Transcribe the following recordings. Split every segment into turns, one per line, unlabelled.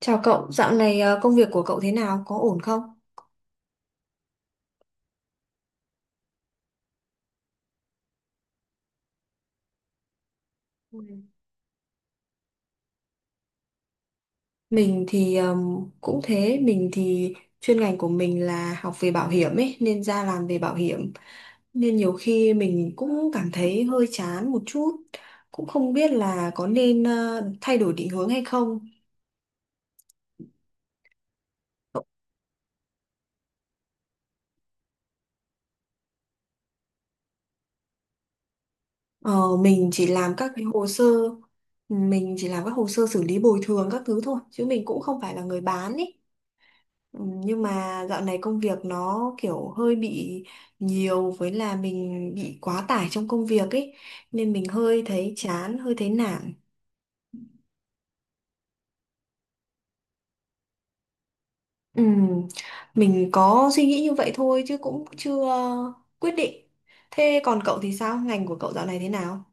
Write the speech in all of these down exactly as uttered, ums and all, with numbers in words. Chào cậu, dạo này ờ, công việc của cậu thế nào? Có ổn không? Ừ. Mình thì ờm, cũng thế, mình thì chuyên ngành của mình là học về bảo hiểm ấy, nên ra làm về bảo hiểm. Nên nhiều khi mình cũng cảm thấy hơi chán một chút, cũng không biết là có nên ờ, thay đổi định hướng hay không. Ờ, mình chỉ làm các cái hồ sơ, mình chỉ làm các hồ sơ xử lý bồi thường các thứ thôi, chứ mình cũng không phải là người bán ý. Ừ, nhưng mà dạo này công việc nó kiểu hơi bị nhiều với là mình bị quá tải trong công việc ấy, nên mình hơi thấy chán, hơi thấy nản. Ừ, mình có suy nghĩ như vậy thôi chứ cũng chưa quyết định. Thế còn cậu thì sao? Ngành của cậu dạo này thế nào?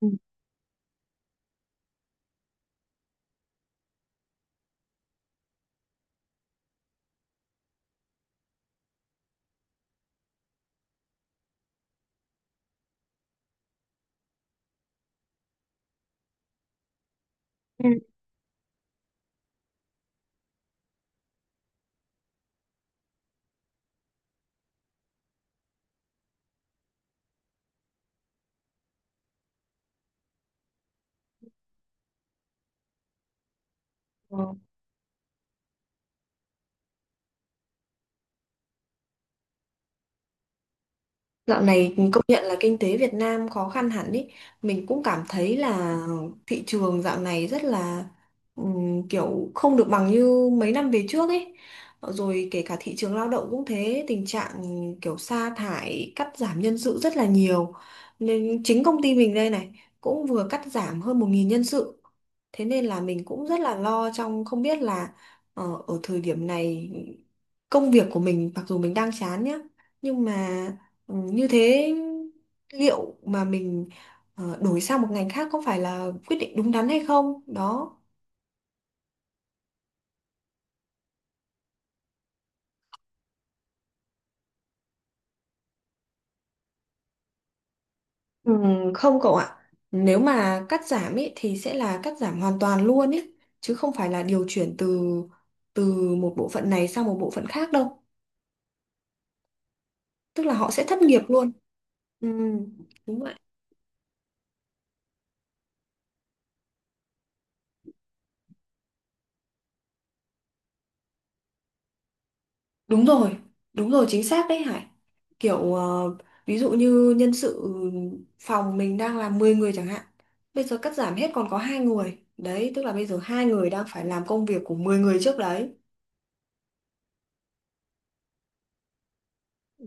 Ừ. Ừ. Dạo này công nhận là kinh tế Việt Nam khó khăn hẳn ý. Mình cũng cảm thấy là thị trường dạo này rất là ừm, kiểu không được bằng như mấy năm về trước ấy. Rồi kể cả thị trường lao động cũng thế, tình trạng kiểu sa thải, cắt giảm nhân sự rất là nhiều. Nên chính công ty mình đây này cũng vừa cắt giảm hơn một nghìn nhân sự. Thế nên là mình cũng rất là lo trong không biết là ờ, ở thời điểm này công việc của mình mặc dù mình đang chán nhá, nhưng mà ừ, như thế, liệu mà mình ờ, đổi sang một ngành khác có phải là quyết định đúng đắn hay không? Đó. Ừ, không cậu ạ. Nếu mà cắt giảm ý, thì sẽ là cắt giảm hoàn toàn luôn ý, chứ không phải là điều chuyển từ từ một bộ phận này sang một bộ phận khác đâu. Tức là họ sẽ thất nghiệp luôn. Ừ, đúng vậy. Đúng rồi, đúng rồi, chính xác đấy Hải. Kiểu ờ, ví dụ như nhân sự phòng mình đang làm mười người chẳng hạn. Bây giờ cắt giảm hết còn có hai người. Đấy, tức là bây giờ hai người đang phải làm công việc của mười người trước đấy. Ừ.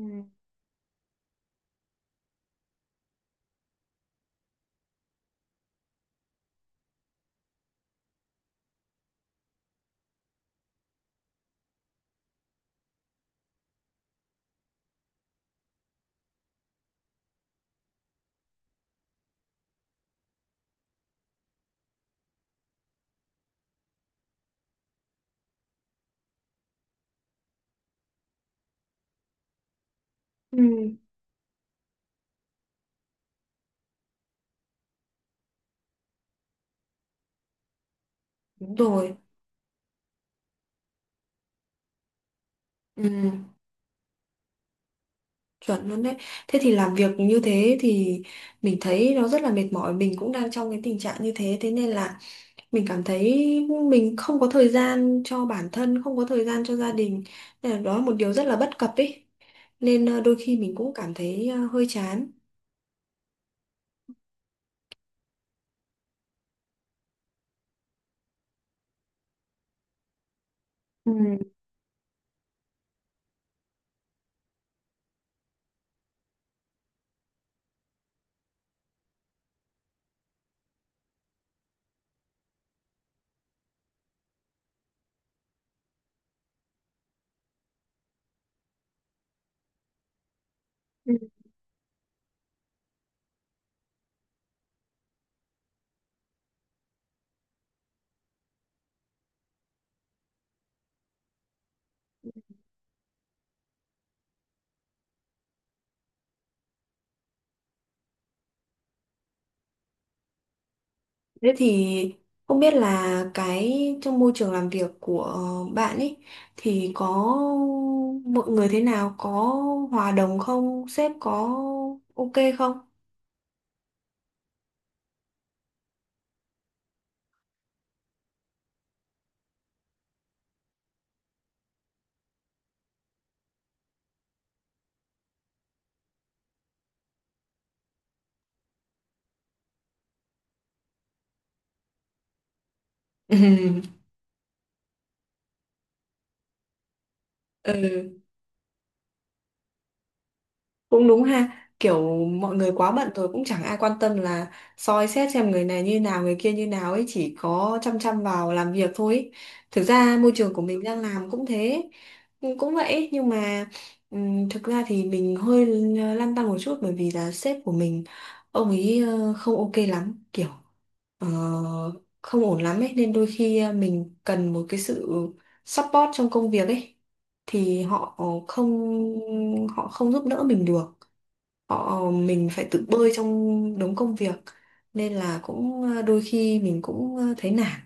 Ừ, đúng rồi. Ừ, chuẩn luôn đấy. Thế thì làm việc như thế thì mình thấy nó rất là mệt mỏi. Mình cũng đang trong cái tình trạng như thế. Thế nên là mình cảm thấy mình không có thời gian cho bản thân, không có thời gian cho gia đình. Nên là đó là một điều rất là bất cập ý. Nên ờ, đôi khi mình cũng cảm thấy ờ, hơi chán. Ừ. Ừ. Thế thì không biết là cái trong môi trường làm việc của bạn ấy thì có mọi người thế nào, có hòa đồng không, sếp có ok không? Ừ. Cũng đúng ha, kiểu mọi người quá bận rồi cũng chẳng ai quan tâm là soi xét xem người này như nào người kia như nào ấy, chỉ có chăm chăm vào làm việc thôi ấy. Thực ra môi trường của mình đang làm cũng thế, cũng cũng vậy, nhưng mà ừm, thực ra thì mình hơi ờ, lăn tăn một chút bởi vì là sếp của mình, ông ấy ờ, không ok lắm, kiểu ờ, không ổn lắm ấy, nên đôi khi ờ, mình cần một cái sự support trong công việc ấy thì họ không họ không giúp đỡ mình được. Họ mình phải tự bơi trong đống công việc, nên là cũng ờ, đôi khi mình cũng ờ, thấy nản.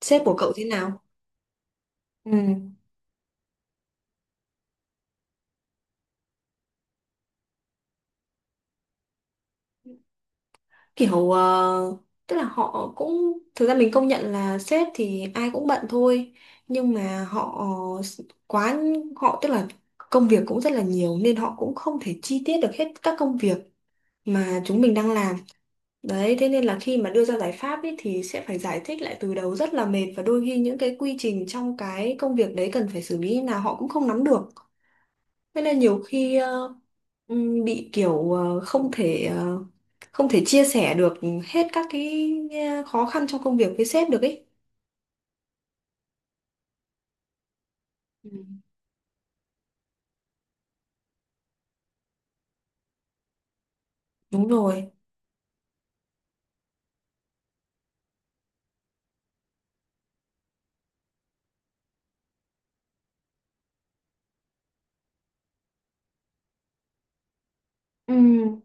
Sếp của cậu thế nào? Ừ. Kiểu ờ, tức là họ cũng, thực ra mình công nhận là sếp thì ai cũng bận thôi, nhưng mà họ quá họ tức là công việc cũng rất là nhiều nên họ cũng không thể chi tiết được hết các công việc mà chúng mình đang làm. Đấy, thế nên là khi mà đưa ra giải pháp ấy, thì sẽ phải giải thích lại từ đầu rất là mệt, và đôi khi những cái quy trình trong cái công việc đấy cần phải xử lý là họ cũng không nắm được. Thế nên nhiều khi ờ, ừm, bị kiểu ờ, không thể ờ, không thể chia sẻ được hết các cái ờ, khó khăn trong công việc với sếp được ấy. Ừ. Đúng rồi. Ừm,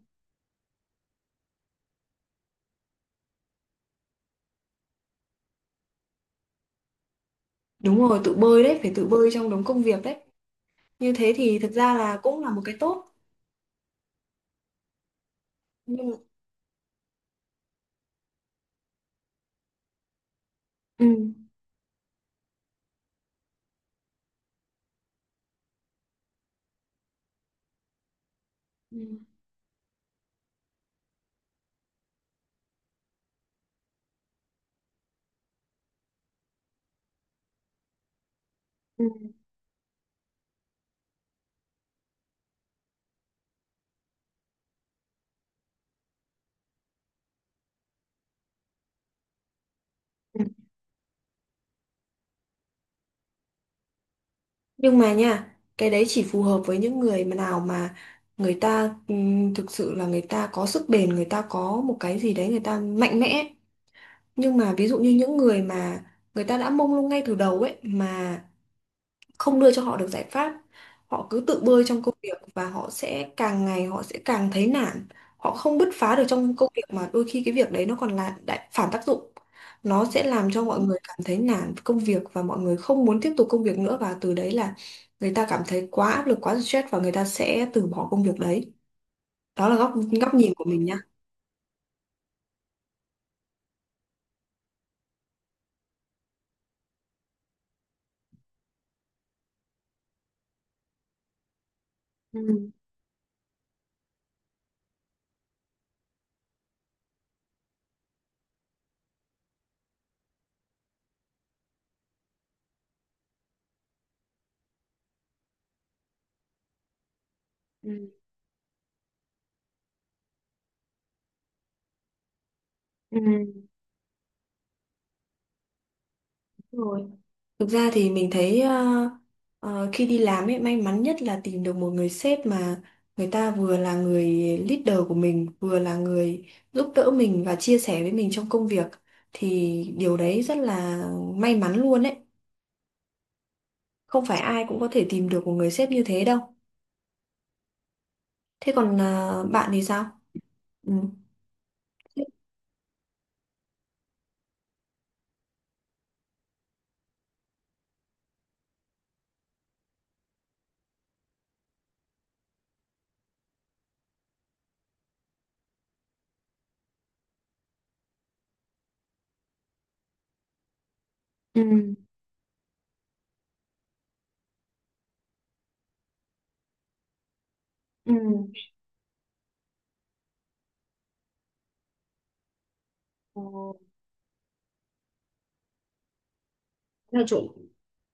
đúng rồi, tự bơi đấy, phải tự bơi trong đống công việc đấy. Như thế thì thực ra là cũng là một cái tốt. Nhưng Ừ. Ừm. Ừ. Nhưng mà nha, cái đấy chỉ phù hợp với những người mà nào mà người ta ừm, thực sự là người ta có sức bền, người ta có một cái gì đấy, người ta mạnh mẽ. Nhưng mà ví dụ như những người mà người ta đã mông lung ngay từ đầu ấy mà không đưa cho họ được giải pháp, họ cứ tự bơi trong công việc và họ sẽ càng ngày họ sẽ càng thấy nản, họ không bứt phá được trong công việc mà đôi khi cái việc đấy nó còn là đại phản tác dụng, nó sẽ làm cho mọi người cảm thấy nản với công việc và mọi người không muốn tiếp tục công việc nữa, và từ đấy là người ta cảm thấy quá áp lực, quá stress và người ta sẽ từ bỏ công việc đấy. Đó là góc góc nhìn của mình nhá. Ừ, ừ, ừ, đúng rồi. Thực ra thì mình thấy ờ, ờ, khi đi làm ấy, may mắn nhất là tìm được một người sếp mà người ta vừa là người leader của mình, vừa là người giúp đỡ mình và chia sẻ với mình trong công việc, thì điều đấy rất là may mắn luôn ấy. Không phải ai cũng có thể tìm được một người sếp như thế đâu. Thế còn ờ, bạn thì sao? Ừ. Ừ. Ừ. Ờ, nói chung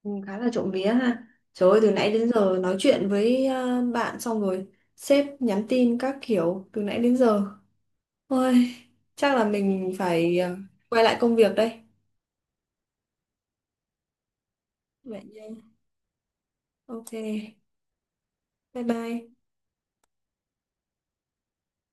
Ừ, khá là trộm vía ha. Trời ơi, từ nãy đến giờ nói chuyện với ờ, bạn xong rồi sếp nhắn tin các kiểu từ nãy đến giờ. Ôi, chắc là mình phải ờ, quay lại công việc đây. Vậy nha. Ok, bye bye.